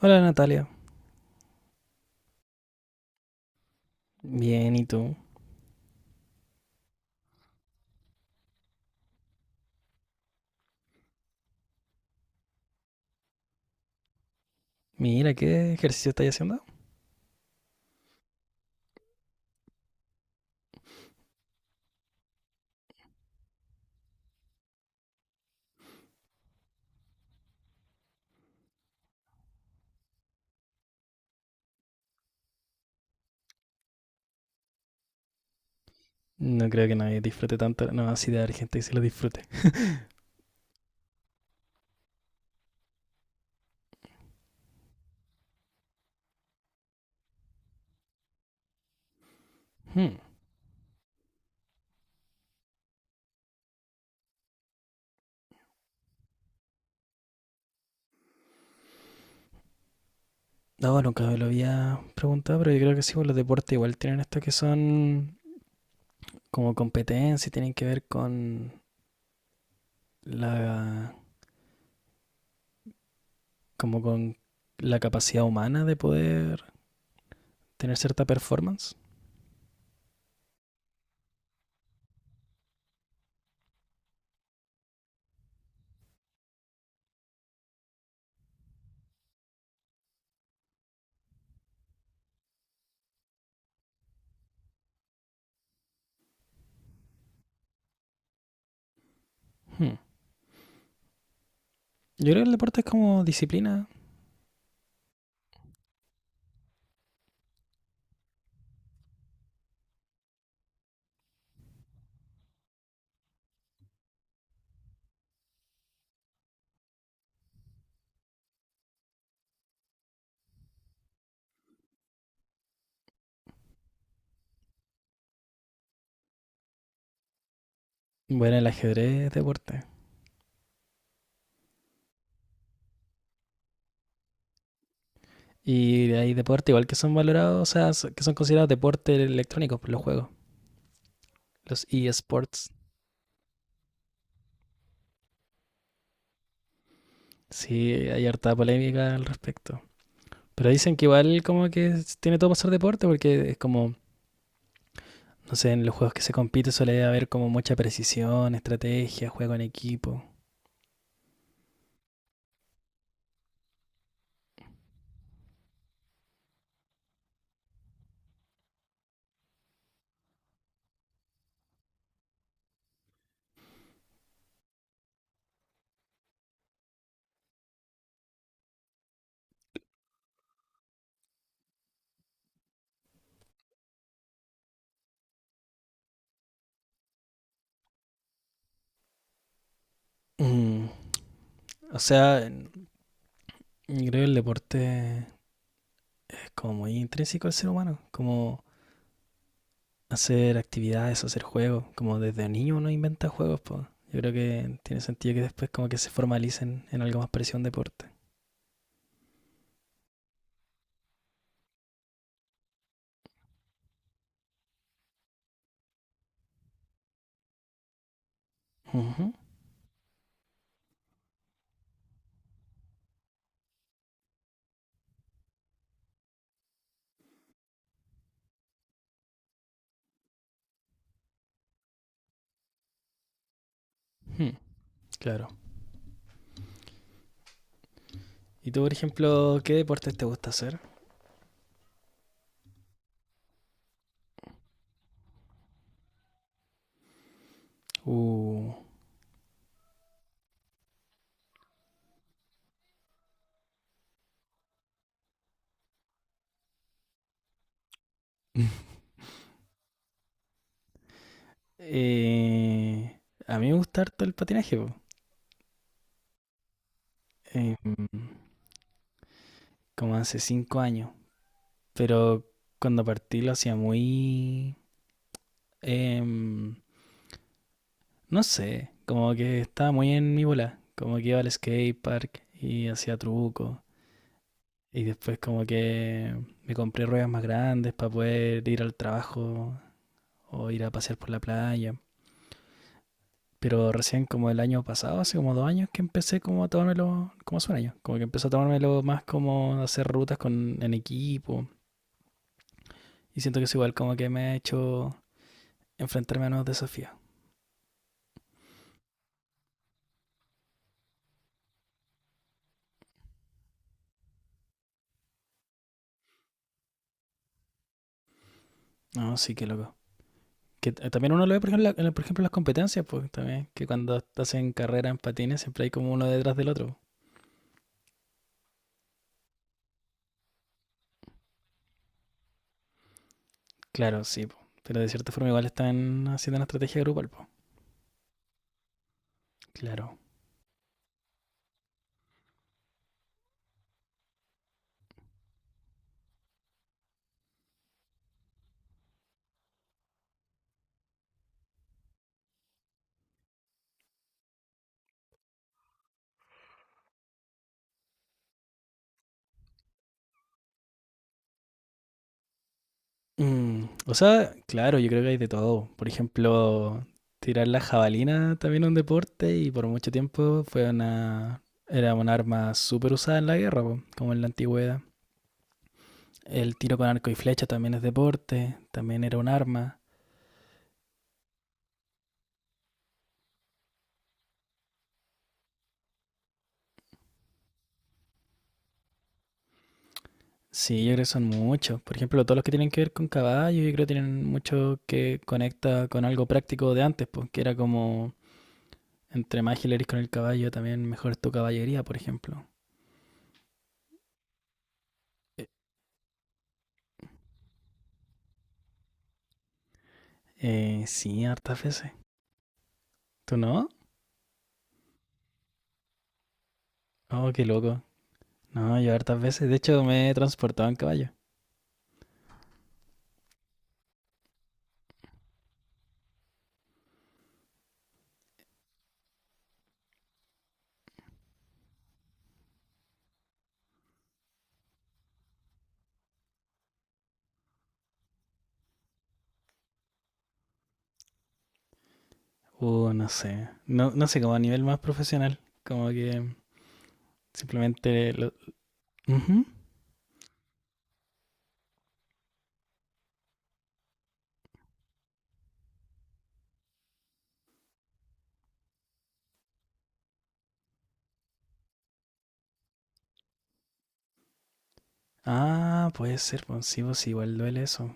Hola, Natalia. Bien, ¿y tú? Mira, ¿qué ejercicio estás haciendo? No creo que nadie disfrute tanto. No, así de haber gente que se lo disfrute. Hmm. No, nunca me lo había preguntado, pero yo creo que sí, pues los deportes igual tienen esto que son como competencia y tienen que ver con la, como con la capacidad humana de poder tener cierta performance. Hmm. Yo creo que el deporte es como disciplina. Bueno, el ajedrez es deporte. Y hay deporte igual que son valorados, o sea, que son considerados deporte electrónico por los juegos, los eSports. Sí, hay harta polémica al respecto. Pero dicen que igual como que tiene todo para ser deporte porque es como, no sé, en los juegos que se compite suele haber como mucha precisión, estrategia, juego en equipo. Mm, O sea, creo que el deporte es como muy intrínseco al ser humano, como hacer actividades, hacer juegos, como desde niño uno inventa juegos, pues. Yo creo que tiene sentido que después como que se formalicen en algo más parecido a un deporte. Ujú. Hmm. Claro. ¿Y tú, por ejemplo, qué deportes te gusta hacer? Uh, eh, a mí me gusta harto el patinaje, po. Eh, como hace 5 años. Pero cuando partí lo hacía muy... em, no sé, como que estaba muy en mi bola. Como que iba al skate park y hacía truco. Y después como que me compré ruedas más grandes para poder ir al trabajo o ir a pasear por la playa. Pero recién como el año pasado, hace como 2 años que empecé como a tomármelo, como hace 1 año, como que empecé a tomármelo más como hacer rutas con, en equipo. Y siento que es igual como que me ha hecho enfrentarme a nuevos desafíos. No, sí, qué loco. Que t- también uno lo ve, por ejemplo, en la- por ejemplo, en las competencias, pues también, que cuando hacen carrera en patines siempre hay como uno detrás del otro. Claro, sí, po, pero de cierta forma igual están haciendo una estrategia grupal, pues. Claro. Mm, o sea, claro, yo creo que hay de todo. Por ejemplo, tirar la jabalina también es un deporte y por mucho tiempo era un arma súper usada en la guerra, po, como en la antigüedad. El tiro con arco y flecha también es deporte, también era un arma. Sí, yo creo que son muchos. Por ejemplo, todos los que tienen que ver con caballos, yo creo que tienen mucho que conecta con algo práctico de antes, porque era como entre más ágil eres con el caballo, también mejor es tu caballería, por ejemplo. Eh, sí, hartas veces. ¿Tú no? Oh, qué loco. No, yo hartas veces. De hecho, me he transportado en caballo. No sé. No, no sé, como a nivel más profesional. Como que simplemente lo... Ujú. Ah, puede ser. Pues sí, igual duele eso.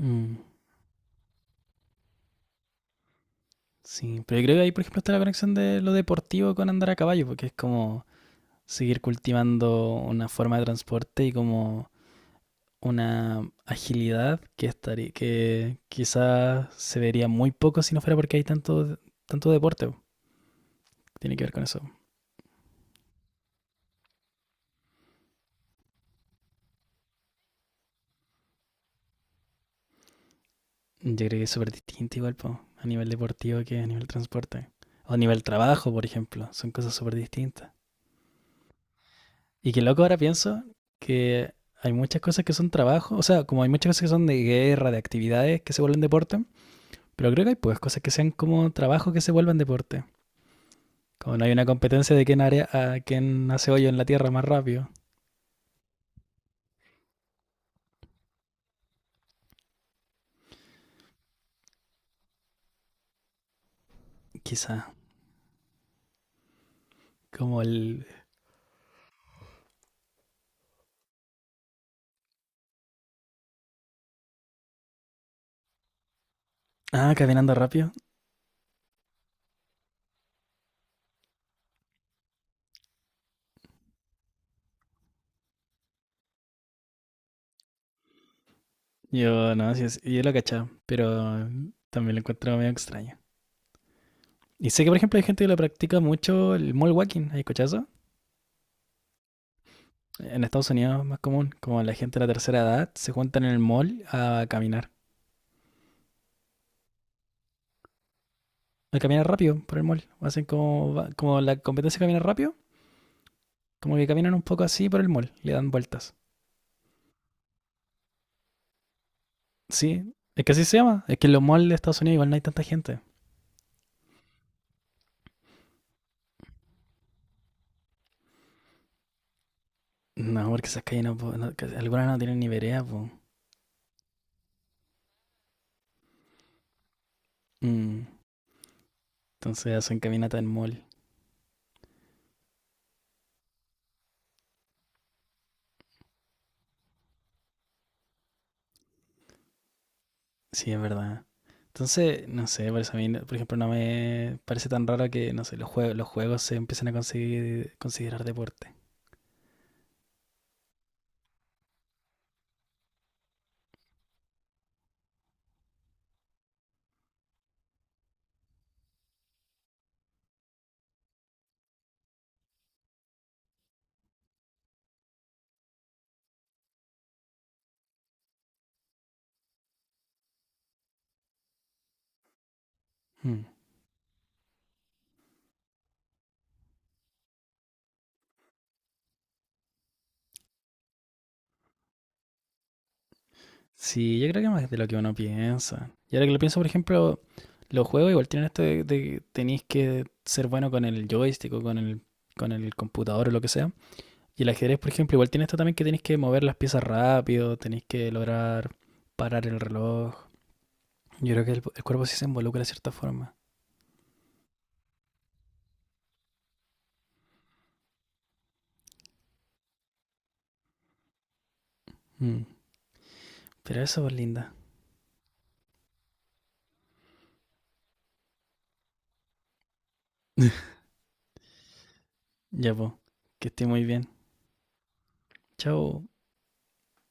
Mm, sí, pero yo creo que ahí, por ejemplo, está la conexión de lo deportivo con andar a caballo, porque es como seguir cultivando una forma de transporte y como una agilidad que estaría, que quizás se vería muy poco si no fuera porque hay tanto, tanto deporte. Tiene que ver con eso. Yo creo que es súper distinto igual, po, a nivel deportivo que a nivel transporte. O a nivel trabajo, por ejemplo. Son cosas súper distintas. Y que loco, ahora pienso que hay muchas cosas que son trabajo. O sea, como hay muchas cosas que son de guerra, de actividades que se vuelven deporte. Pero creo que hay pues cosas que sean como trabajo que se vuelvan deporte. Como no hay una competencia de quién, área, a quién hace hoyo en la tierra más rápido. Quizá. Como el... Ah, caminando rápido. Yo no, sí, sí, yo lo cachaba. Pero también lo encuentro medio extraño. Y sé que, por ejemplo, hay gente que lo practica mucho el mall walking, ¿hay cochazo? En Estados Unidos es más común, como la gente de la tercera edad se juntan en el mall a caminar rápido por el mall. Hacen como, como la competencia de caminar rápido, como que caminan un poco así por el mall, le dan vueltas. Sí, es que así se llama, es que en los malls de Estados Unidos igual no hay tanta gente. No, porque esas calles no, que algunas no tienen ni vereda, po. Mm, entonces hacen caminata en mall, sí, es verdad. Entonces, no sé, por eso a mí, no- por ejemplo, no me parece tan raro que, no sé, los juegos se empiecen a considerar deporte. Hmm. Sí, yo creo que más de lo que uno piensa. Y ahora que lo pienso, por ejemplo, los juegos igual tienen esto de que tenéis que ser bueno con el joystick o con el computador o lo que sea. Y el ajedrez, por ejemplo, igual tiene esto también que tenéis que mover las piezas rápido, tenéis que lograr parar el reloj. Yo creo que el cuerpo sí se involucra de cierta forma. Hmm. Pero eso es linda. Ya, pues, que esté muy bien. Chao.